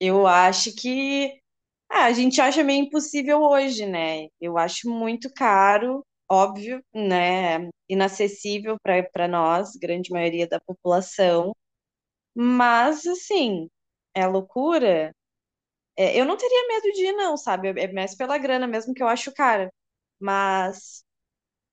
Eu acho que a gente acha meio impossível hoje, né? Eu acho muito caro, óbvio, né? Inacessível para nós, grande maioria da população. Mas assim, é loucura. É, eu não teria medo de ir, não, sabe? É mais pela grana mesmo que eu acho caro. Mas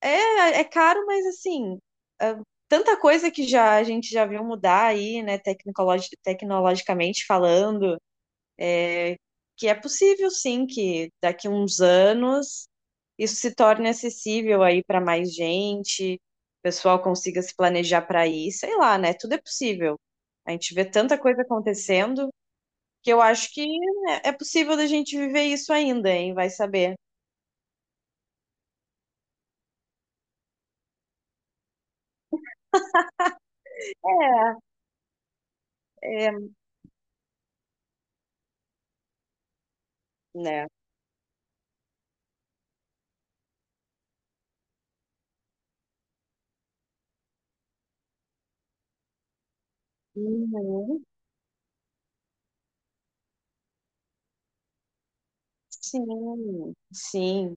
é, é caro, mas assim, é tanta coisa que já a gente já viu mudar aí, né? Tecnologicamente falando, que é possível sim que daqui a uns anos isso se torne acessível aí para mais gente, o pessoal consiga se planejar para ir, sei lá, né? Tudo é possível. A gente vê tanta coisa acontecendo que eu acho que, né, é possível da gente viver isso ainda, hein? Vai saber. É, é, né? Uhum, sim, sim.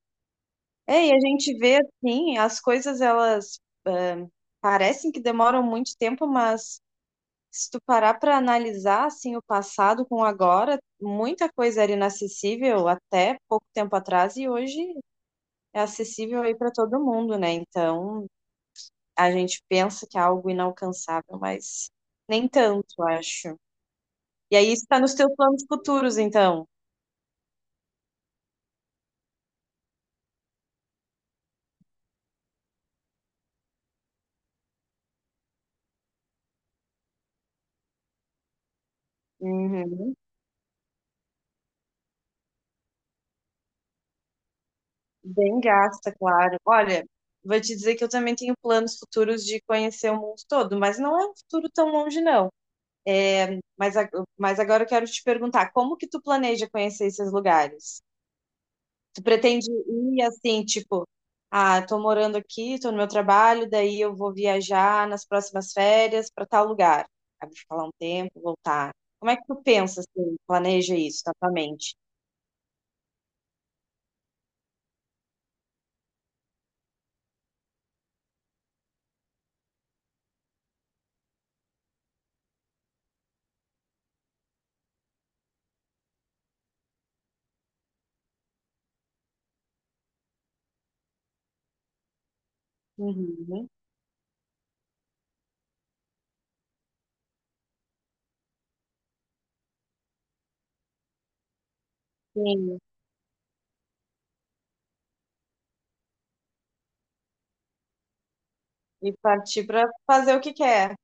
É, e a gente vê assim, as coisas elas, ah, parecem que demoram muito tempo, mas se tu parar para analisar assim o passado com o agora, muita coisa era inacessível até pouco tempo atrás e hoje é acessível aí para todo mundo, né? Então, a gente pensa que é algo inalcançável, mas nem tanto, acho. E aí isso está nos teus planos futuros, então. Uhum. Bem gasta, claro. Olha, vou te dizer que eu também tenho planos futuros de conhecer o mundo todo, mas não é um futuro tão longe, não. É, mas, mas agora eu quero te perguntar, como que tu planeja conhecer esses lugares? Tu pretende ir assim, tipo, ah, tô morando aqui, tô no meu trabalho, daí eu vou viajar nas próximas férias para tal lugar. Aí vou ficar lá um tempo, voltar. Como é que tu pensa assim, planeja isso na tua mente? Uhum, sim. E partir para fazer o que quer.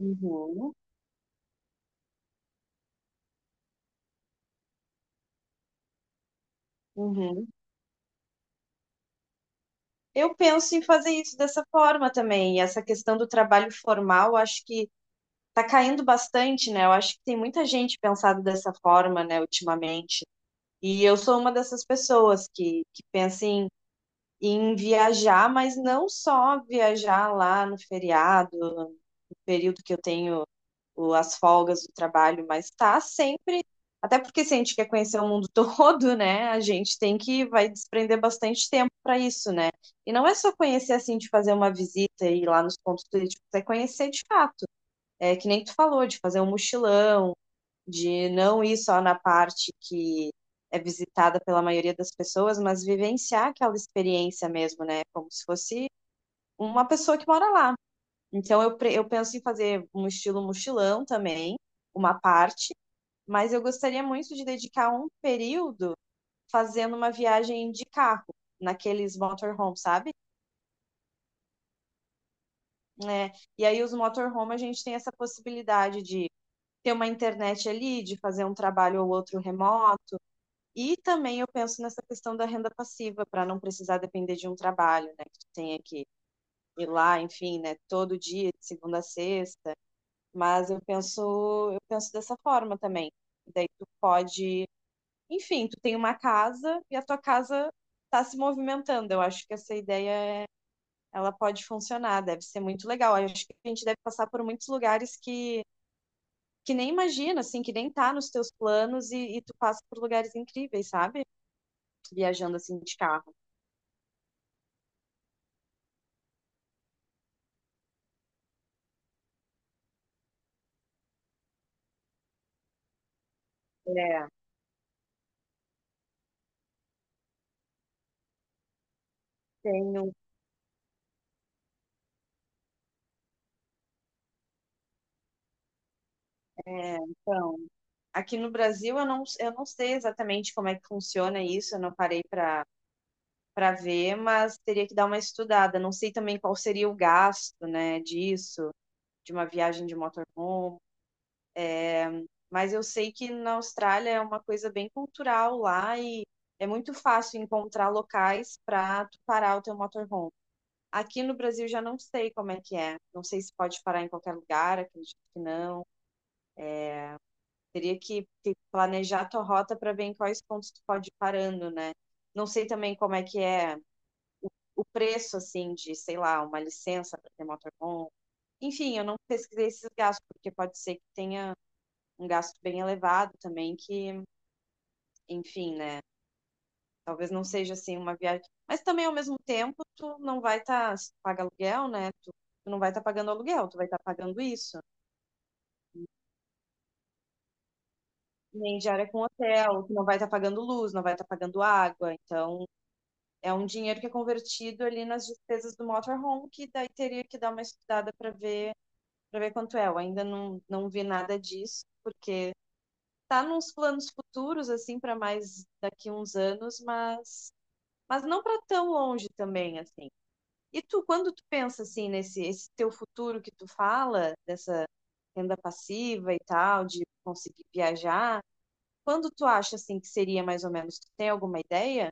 Uhum, uhum. Eu penso em fazer isso dessa forma também. E essa questão do trabalho formal, acho que tá caindo bastante, né? Eu acho que tem muita gente pensado dessa forma, né, ultimamente. E eu sou uma dessas pessoas que pensa em, em viajar, mas não só viajar lá no feriado, no período que eu tenho as folgas do trabalho, mas tá sempre. Até porque se a gente quer conhecer o mundo todo, né, a gente tem que vai desprender bastante tempo para isso, né? E não é só conhecer assim de fazer uma visita e ir lá nos pontos turísticos, é conhecer de fato, é, que nem tu falou, de fazer um mochilão, de não ir só na parte que é visitada pela maioria das pessoas, mas vivenciar aquela experiência mesmo, né? Como se fosse uma pessoa que mora lá. Então, eu, eu penso em fazer um estilo mochilão também, uma parte, mas eu gostaria muito de dedicar um período fazendo uma viagem de carro, naqueles motorhome, sabe? É, e aí, os motorhome, a gente tem essa possibilidade de ter uma internet ali, de fazer um trabalho ou outro remoto. E também eu penso nessa questão da renda passiva, para não precisar depender de um trabalho, né? Que tu tenha que ir lá, enfim, né? Todo dia, de segunda a sexta. Mas eu penso dessa forma também. Daí tu pode, enfim, tu tem uma casa e a tua casa está se movimentando. Eu acho que essa ideia é- ela pode funcionar, deve ser muito legal. Eu acho que a gente deve passar por muitos lugares que nem imagina, assim, que nem tá nos teus planos e tu passa por lugares incríveis, sabe? Viajando assim de carro. É, tenho, é, então, aqui no Brasil eu não sei exatamente como é que funciona isso, eu não parei para, para ver, mas teria que dar uma estudada. Não sei também qual seria o gasto, né, disso, de uma viagem de motorhome, mas eu sei que na Austrália é uma coisa bem cultural lá e é muito fácil encontrar locais para tu parar o teu motorhome. Aqui no Brasil já não sei como é que é. Não sei se pode parar em qualquer lugar, acredito que não. Teria que planejar a tua rota para ver em quais pontos tu pode ir parando, né? Não sei também como é que é o preço, assim, de, sei lá, uma licença para ter motorhome. Enfim, eu não pesquisei esses gastos, porque pode ser que tenha um gasto bem elevado também, que, enfim, né? Talvez não seja, assim, uma viagem. Mas também, ao mesmo tempo, tu não vai estar, se tu paga aluguel, né? Tu, tu não vai estar pagando aluguel, tu vai estar pagando isso. Nem diária com hotel, que não vai estar pagando luz, não vai estar pagando água. Então, é um dinheiro que é convertido ali nas despesas do motorhome, que daí teria que dar uma estudada para ver quanto é. Eu ainda não, não vi nada disso, porque tá nos planos futuros assim para mais daqui uns anos, mas não para tão longe também assim. E tu, quando tu pensa assim nesse esse teu futuro que tu fala dessa renda passiva e tal, de conseguir viajar, quando tu acha assim que seria mais ou menos? Tu tem alguma ideia?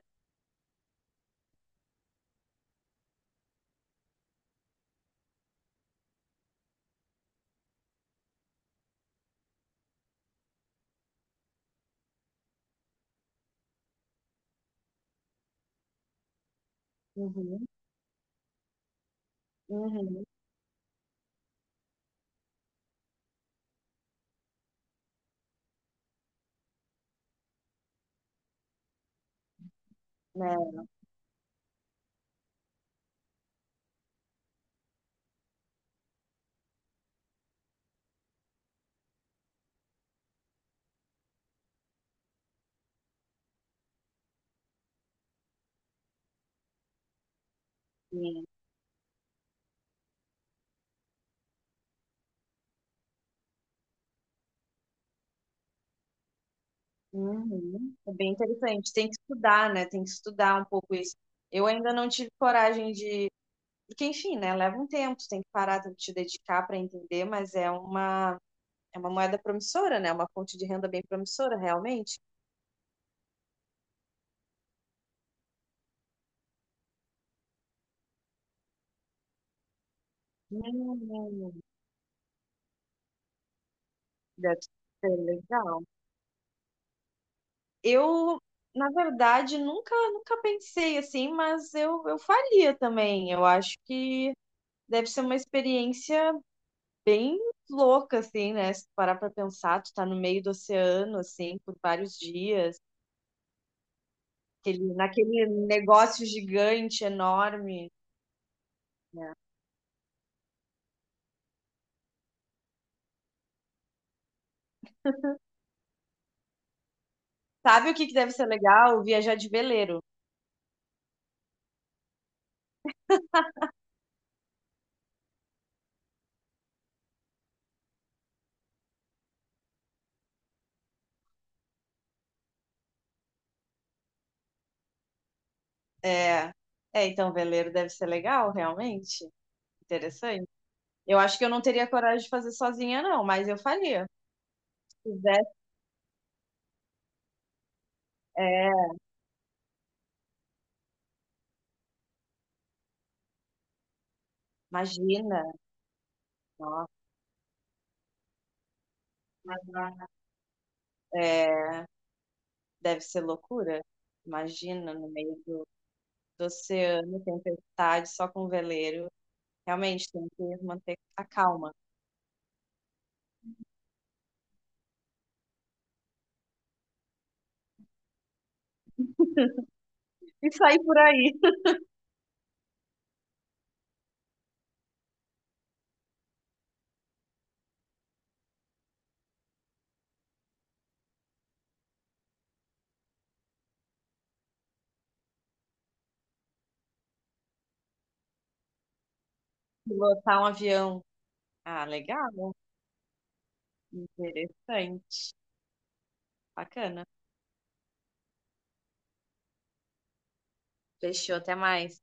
Uhum, uhum, né? Sim. Uhum. É bem interessante. Tem que estudar, né? Tem que estudar um pouco isso. Eu ainda não tive coragem de. Porque, enfim, né? Leva um tempo, tu tem que parar, tem que te dedicar para entender, mas é uma moeda promissora, né? É uma fonte de renda bem promissora, realmente. Hum, deve ser legal. Eu, na verdade, nunca, nunca pensei assim, mas eu faria também. Eu acho que deve ser uma experiência bem louca, assim, né? Se tu parar pra pensar, tu tá no meio do oceano, assim, por vários dias, aquele, naquele negócio gigante, enorme, né? Sabe o que que deve ser legal? Viajar de veleiro. É, é, então, veleiro deve ser legal, realmente. Interessante. Eu acho que eu não teria coragem de fazer sozinha, não, mas eu faria. Se tivesse, é, imagina, nossa, é, deve ser loucura. Imagina, no meio do oceano, tempestade, só com veleiro. Realmente, tem que manter a calma. E sair por aí, pilotar um avião. Ah, legal, né? Interessante, bacana. Fechou, até mais.